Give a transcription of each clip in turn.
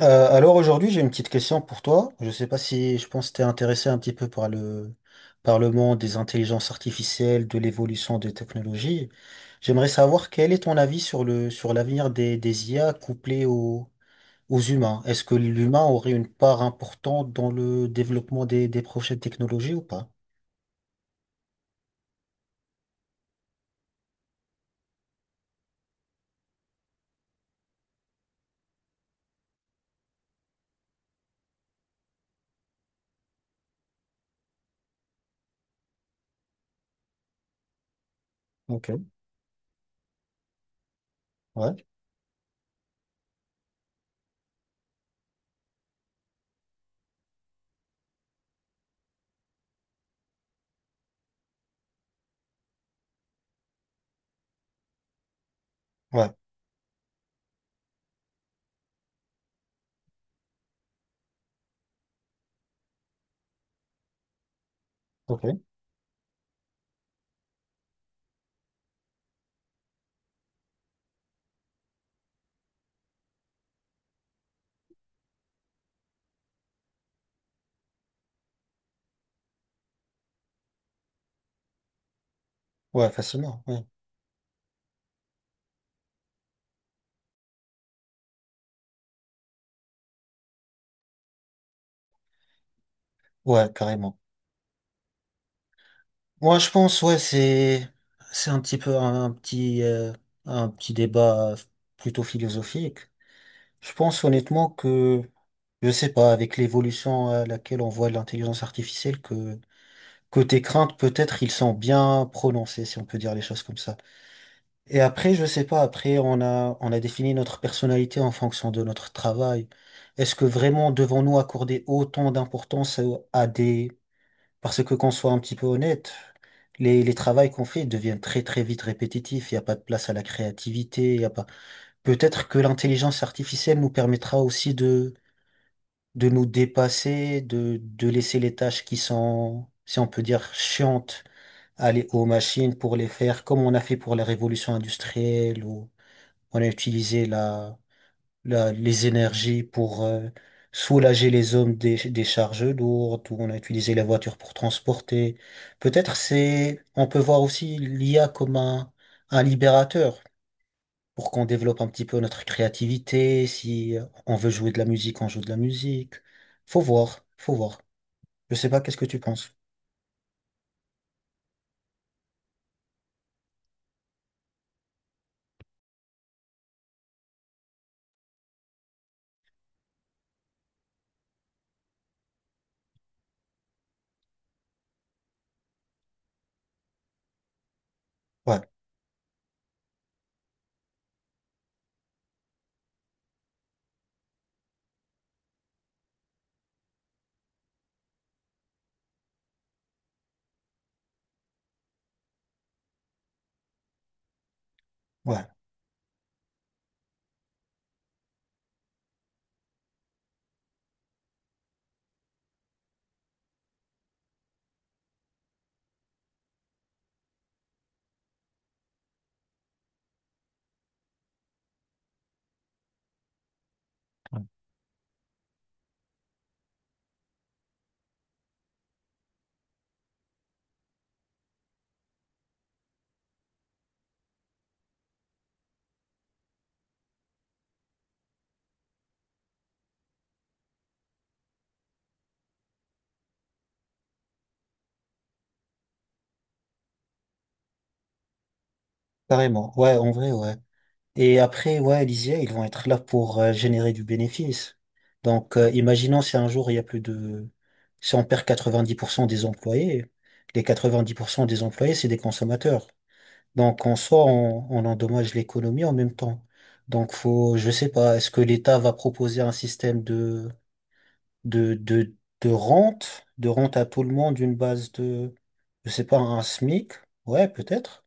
Alors aujourd'hui, j'ai une petite question pour toi. Je ne sais pas si je pense que tu es intéressé un petit peu par par le monde des intelligences artificielles, de l'évolution des technologies. J'aimerais savoir quel est ton avis sur sur l'avenir des IA couplées aux humains. Est-ce que l'humain aurait une part importante dans le développement des prochaines technologies ou pas? Ok. Ouais, ouais, ok, ouais, facilement, ouais, ouais, carrément. Moi, je pense, ouais, c'est un petit peu un petit débat plutôt philosophique. Je pense honnêtement que je sais pas, avec l'évolution à laquelle on voit l'intelligence artificielle, que côté crainte peut-être ils sont bien prononcés, si on peut dire les choses comme ça. Et après, je sais pas, après on a défini notre personnalité en fonction de notre travail. Est-ce que vraiment devons-nous accorder autant d'importance à des, parce que qu'on soit un petit peu honnête, les travails qu'on fait deviennent très très vite répétitifs, il n'y a pas de place à la créativité, il y a pas... Peut-être que l'intelligence artificielle nous permettra aussi de nous dépasser, de laisser les tâches qui sont, si on peut dire, chiantes, aller aux machines pour les faire, comme on a fait pour la révolution industrielle, où on a utilisé les énergies pour soulager les hommes des charges lourdes, où on a utilisé la voiture pour transporter. Peut-être c'est, on peut voir aussi l'IA comme un libérateur pour qu'on développe un petit peu notre créativité. Si on veut jouer de la musique, on joue de la musique. Faut voir, faut voir. Je sais pas, qu'est-ce que tu penses? Ouais, ouais, carrément. Ouais, en vrai, ouais. Et après, ouais, les IA, ils vont être là pour générer du bénéfice. Donc, imaginons si un jour, il y a plus de... Si on perd 90% des employés, les 90% des employés, c'est des consommateurs. Donc, en soi, on endommage l'économie en même temps. Donc, faut, je sais pas, est-ce que l'État va proposer un système de, de, de rente à tout le monde, une base de, je sais pas, un SMIC? Ouais, peut-être.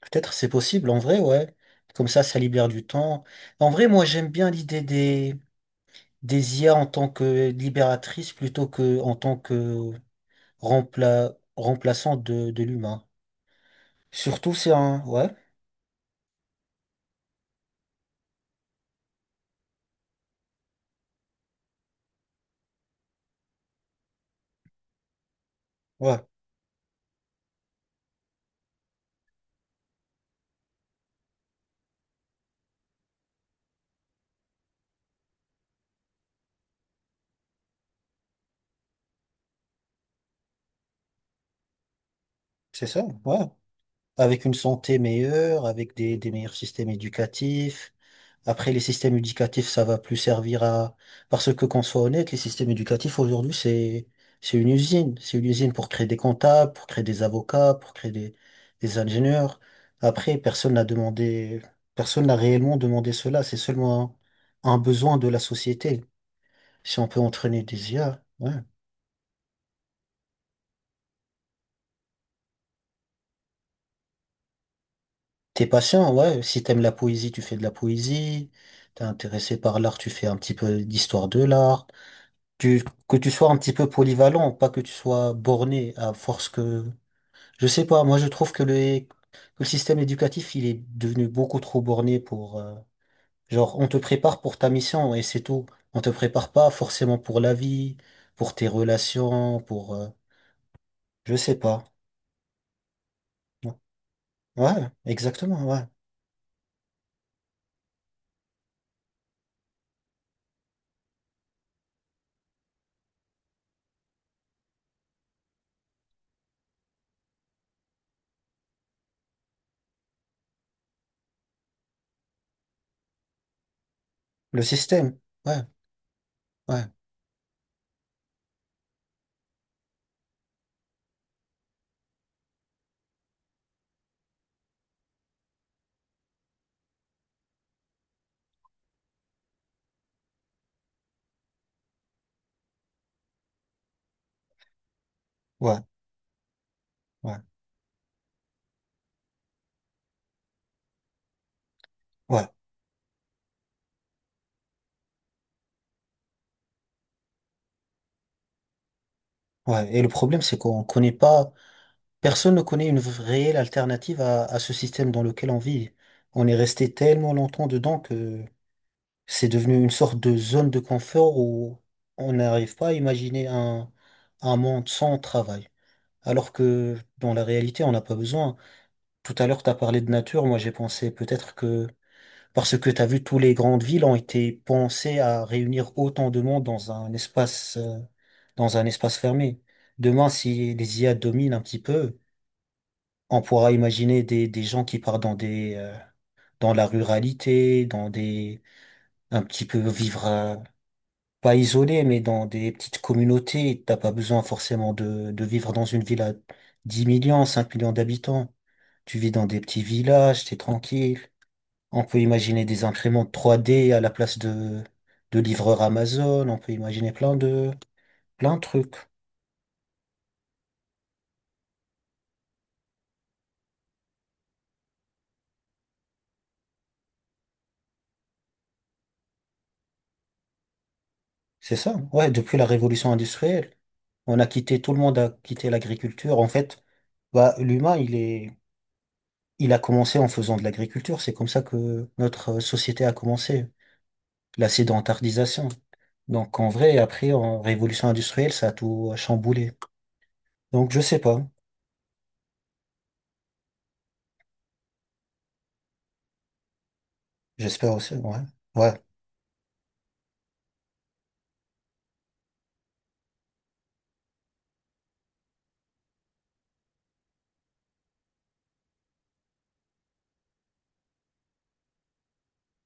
Peut-être c'est possible, en vrai, ouais. Comme ça libère du temps. En vrai, moi, j'aime bien l'idée des IA en tant que libératrice plutôt que en tant que remplaçant de l'humain. Surtout, c'est un... Ouais, ouais, c'est ça, ouais. Avec une santé meilleure, avec des meilleurs systèmes éducatifs. Après, les systèmes éducatifs, ça va plus servir à... Parce que qu'on soit honnête, les systèmes éducatifs aujourd'hui, c'est une usine. C'est une usine pour créer des comptables, pour créer des avocats, pour créer des ingénieurs. Après, personne n'a demandé, personne n'a réellement demandé cela. C'est seulement un besoin de la société. Si on peut entraîner des IA, ouais. T'es patient, ouais. Si t'aimes la poésie, tu fais de la poésie. T'es intéressé par l'art, tu fais un petit peu d'histoire de l'art. Que tu sois un petit peu polyvalent, pas que tu sois borné à force que... Je sais pas, moi je trouve que que le système éducatif, il est devenu beaucoup trop borné pour... genre, on te prépare pour ta mission et c'est tout. On te prépare pas forcément pour la vie, pour tes relations, pour... je sais pas. Ouais, exactement, ouais. Le système, ouais, ouais, ouais, ouais, ouais, ouais. Et le problème, c'est qu'on connaît pas... Personne ne connaît une réelle alternative à ce système dans lequel on vit. On est resté tellement longtemps dedans que c'est devenu une sorte de zone de confort où on n'arrive pas à imaginer un monde sans travail. Alors que dans la réalité, on n'a pas besoin. Tout à l'heure, tu as parlé de nature. Moi, j'ai pensé peut-être que, parce que tu as vu, toutes les grandes villes ont été pensées à réunir autant de monde dans un espace fermé. Demain, si les IA dominent un petit peu, on pourra imaginer des gens qui partent dans des dans la ruralité, dans des un petit peu vivre pas isolé, mais dans des petites communautés. T'as pas besoin forcément de vivre dans une ville à 10 millions, 5 millions d'habitants. Tu vis dans des petits villages, t'es tranquille. On peut imaginer des imprimantes 3D à la place de livreurs Amazon. On peut imaginer plein de trucs. C'est ça. Ouais, depuis la révolution industrielle, on a quitté tout le monde a quitté l'agriculture. En fait. Bah, l'humain, il est, il a commencé en faisant de l'agriculture. C'est comme ça que notre société a commencé, la sédentarisation. Donc, en vrai, après, en révolution industrielle, ça a tout chamboulé. Donc, je sais pas. J'espère aussi. Ouais. Ouais.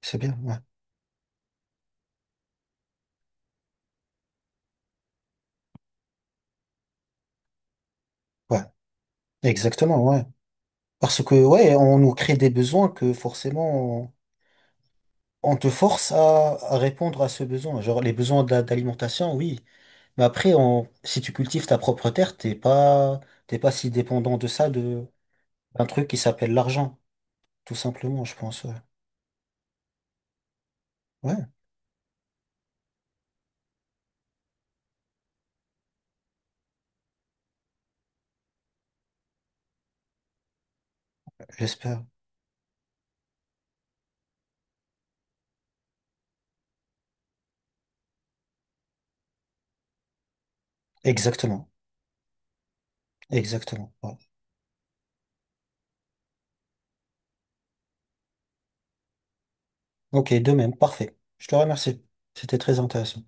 C'est bien. Ouais. Ouais. Exactement. Ouais. Parce que, ouais, on nous crée des besoins que forcément, on te force à répondre à ce besoin. Genre, les besoins d'alimentation, oui. Mais après, on, si tu cultives ta propre terre, t'es pas si dépendant de ça, un truc qui s'appelle l'argent, tout simplement, je pense. Ouais, ouais, j'espère. Exactement, exactement. Voilà. Ok, de même, parfait. Je te remercie. C'était très intéressant.